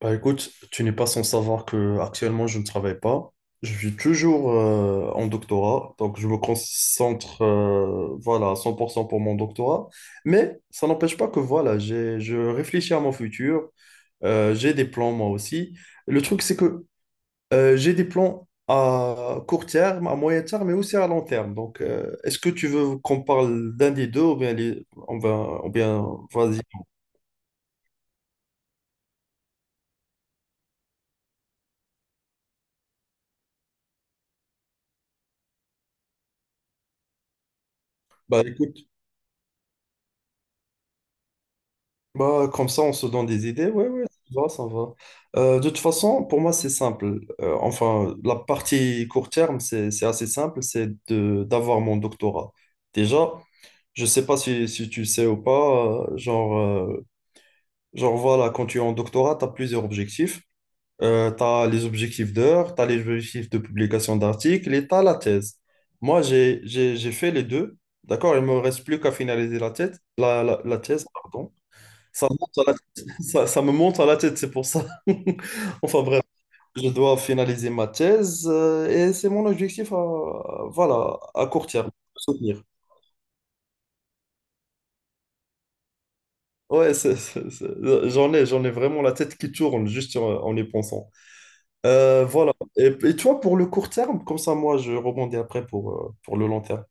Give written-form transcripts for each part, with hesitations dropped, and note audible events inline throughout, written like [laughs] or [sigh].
Bah écoute, tu n'es pas sans savoir que actuellement je ne travaille pas. Je suis toujours en doctorat, donc je me concentre voilà, à 100% pour cent pour mon doctorat. Mais ça n'empêche pas que voilà, je réfléchis à mon futur, j'ai des plans moi aussi. Le truc, c'est que j'ai des plans à court terme, à moyen terme, mais aussi à long terme. Donc est-ce que tu veux qu'on parle d'un des deux ou bien, vas-y. Bah, écoute, Bah, comme ça, on se donne des idées. Ouais, ouais, ça va, ça va. De toute façon, pour moi, c'est simple. Enfin, la partie court terme, c'est assez simple, d'avoir mon doctorat. Déjà, je sais pas si tu sais ou pas, genre voilà, quand tu es en doctorat, tu as plusieurs objectifs. Tu as les objectifs d'heures, tu as les objectifs de publication d'articles et tu as la thèse. Moi, j'ai fait les deux, d'accord? Il me reste plus qu'à finaliser la thèse, la thèse, pardon. Ça me monte à la tête. [laughs] Ça me monte à la tête, c'est pour ça. [laughs] Enfin bref, je dois finaliser ma thèse et c'est mon objectif à, voilà, à court terme, de soutenir. Ouais, j'en ai vraiment la tête qui tourne juste en, en y pensant. Voilà. Et toi, pour le court terme, comme ça, moi, je rebondis après pour le long terme.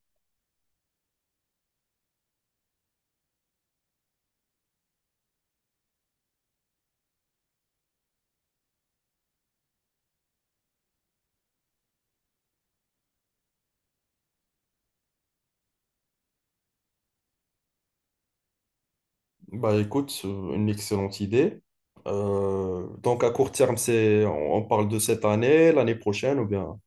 Bah écoute, une excellente idée. Donc à court terme, c'est, on parle de cette année, l'année prochaine ou bien...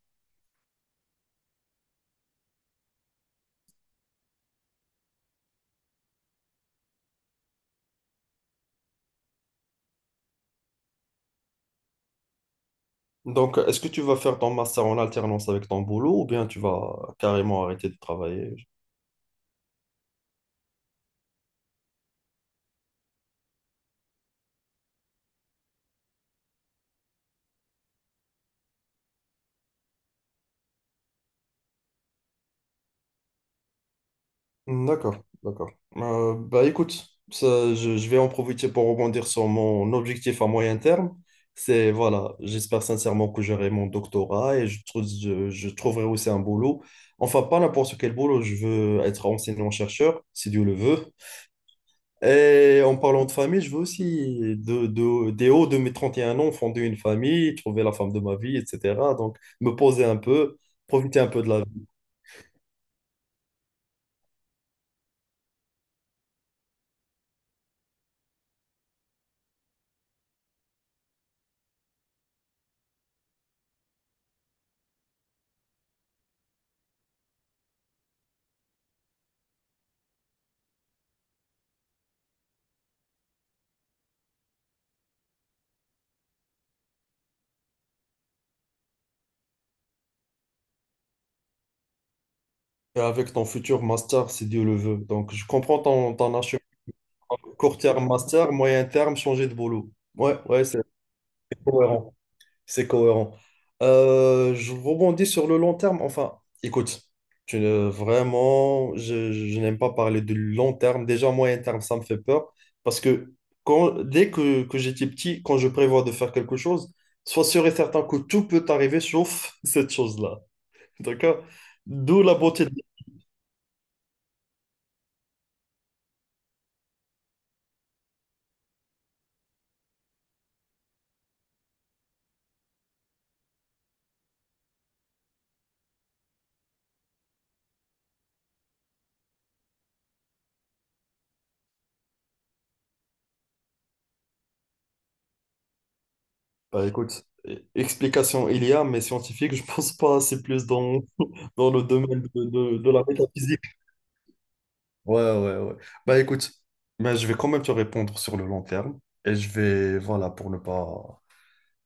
Donc, est-ce que tu vas faire ton master en alternance avec ton boulot ou bien tu vas carrément arrêter de travailler? D'accord, d'accord. Bah écoute, ça, je vais en profiter pour rebondir sur mon objectif à moyen terme. C'est, voilà, j'espère sincèrement que j'aurai mon doctorat et je trouverai aussi un boulot. Enfin, pas n'importe quel boulot, je veux être enseignant-chercheur, si Dieu le veut. Et en parlant de famille, je veux aussi, dès haut de mes 31 ans, fonder une famille, trouver la femme de ma vie, etc. Donc, me poser un peu, profiter un peu de la Et avec ton futur master, si Dieu le veut. Donc, je comprends ton, ton acheminement. Court terme master, moyen terme, changer de boulot. Ouais, ouais, c'est cohérent. C'est cohérent. Je rebondis sur le long terme. Enfin, écoute, tu ne- vraiment, je n'aime pas parler de long terme. Déjà, moyen terme, ça me fait peur. Parce que que j'étais petit, quand je prévois de faire quelque chose, sois sûr et certain que tout peut arriver sauf [laughs] cette chose-là. D'accord? D'où la beauté. Bah écoute, e- explication il y a, mais scientifique, [laughs] je pense pas, c'est plus dans, [laughs] dans le domaine de la métaphysique. Ouais, ouais, ouais. Bah écoute, mais je vais quand même te répondre sur le long terme. Et je vais, voilà, pour ne pas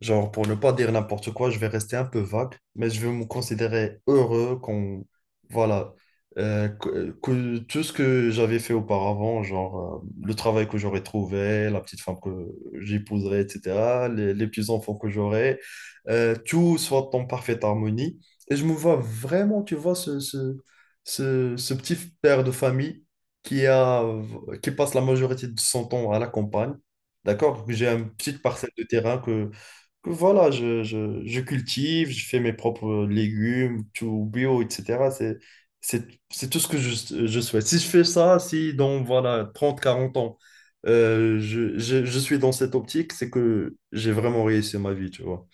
Pour ne pas dire n'importe quoi, je vais rester un peu vague, mais je vais me considérer heureux qu'on, voilà, que tout ce que j'avais fait auparavant, genre le travail que j'aurais trouvé, la petite femme que j'épouserais, etc., les petits-enfants que j'aurai tout soit en parfaite harmonie. Et je me vois vraiment, tu vois, ce petit père de famille qui a, qui passe la majorité de son temps à la campagne, d'accord? J'ai une petite parcelle de terrain que voilà, je cultive, je fais mes propres légumes, tout bio, etc. C'est tout ce que je souhaite. Si je fais ça, si dans voilà, 30 40 ans, je suis dans cette optique, c'est que j'ai vraiment réussi ma vie, tu vois.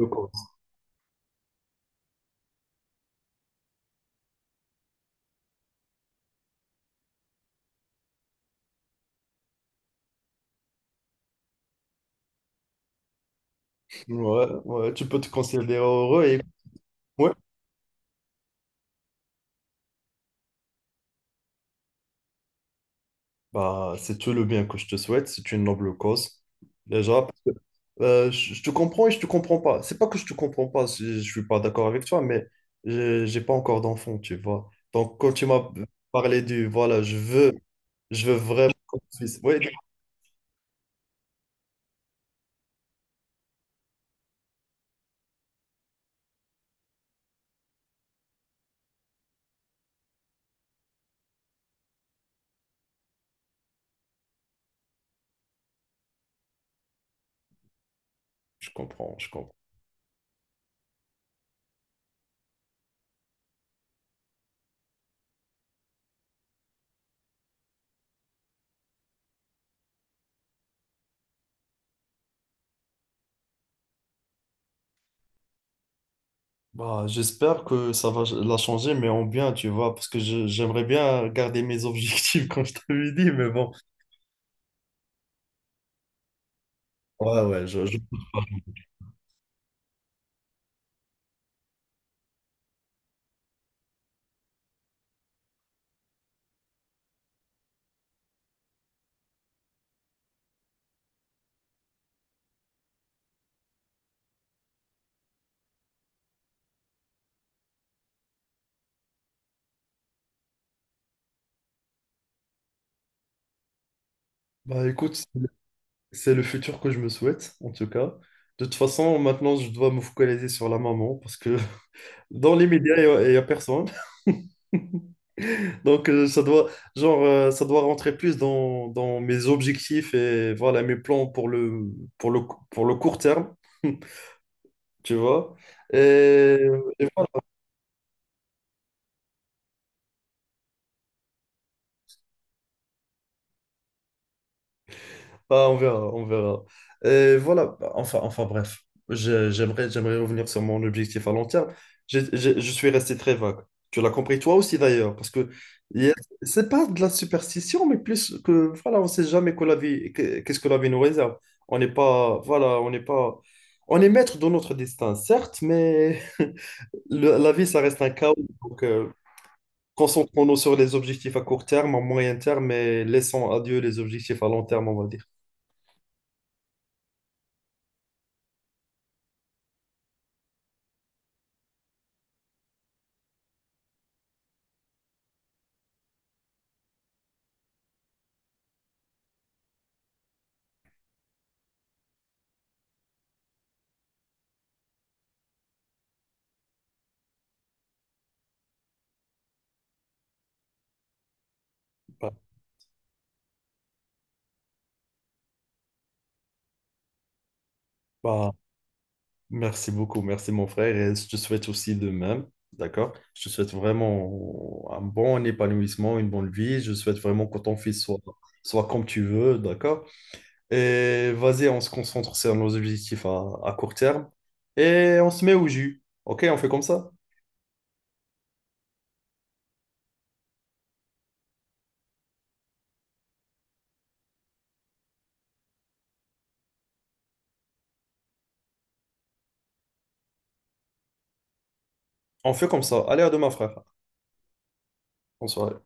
D'accord. Ouais, ouais, tu peux te considérer heureux et ouais, bah, c'est tout le bien que je te souhaite, c'est une noble cause. Déjà, parce que, je te comprends et je te comprends pas. C'est pas que je te comprends pas, je suis pas d'accord avec toi, mais j'ai pas encore d'enfant, tu vois. Donc, quand tu m'as parlé du voilà, je veux vraiment qu'on puisse- Oui, je comprends, je comprends. Bah, j'espère que ça va la changer, mais en bien, tu vois, parce que je- j'aimerais bien garder mes objectifs, [laughs] comme je t'avais dit, mais bon. Ouais, ouais, je- Bah, écoute. C'est le futur que je me souhaite, en tout cas. De toute façon, maintenant, je dois me focaliser sur la maman parce que [laughs] dans les médias, il y a personne. [laughs] Donc, ça doit rentrer plus dans, dans mes objectifs et voilà, mes plans pour le, pour le, pour le court terme, [laughs] tu vois. Et bah, on verra, on verra. Et voilà, bah, enfin bref, j'aimerais revenir sur mon objectif à long terme. Je suis resté très vague. Tu l'as compris toi aussi d'ailleurs, parce que hier, c'est pas de la superstition, mais plus que, voilà, on sait jamais que la vie, que- qu'est-ce que la vie nous réserve. On n'est pas, voilà, on n'est pas, on est maître de notre destin, certes, mais [laughs] le- la vie, ça reste un chaos. Donc, concentrons-nous sur les objectifs à court terme, à moyen terme, et laissons à Dieu les objectifs à long terme, on va dire. Bah, bah, Merci beaucoup, merci mon frère, et je te souhaite aussi de même, d'accord? Je te souhaite vraiment un bon épanouissement, une bonne vie. Je souhaite vraiment que ton fils soit, soit comme tu veux, d'accord? Et vas-y, on se concentre sur nos objectifs à court terme et on se met au jus, ok? On fait comme ça? On fait comme ça. Allez, à demain, frère. Bonsoir.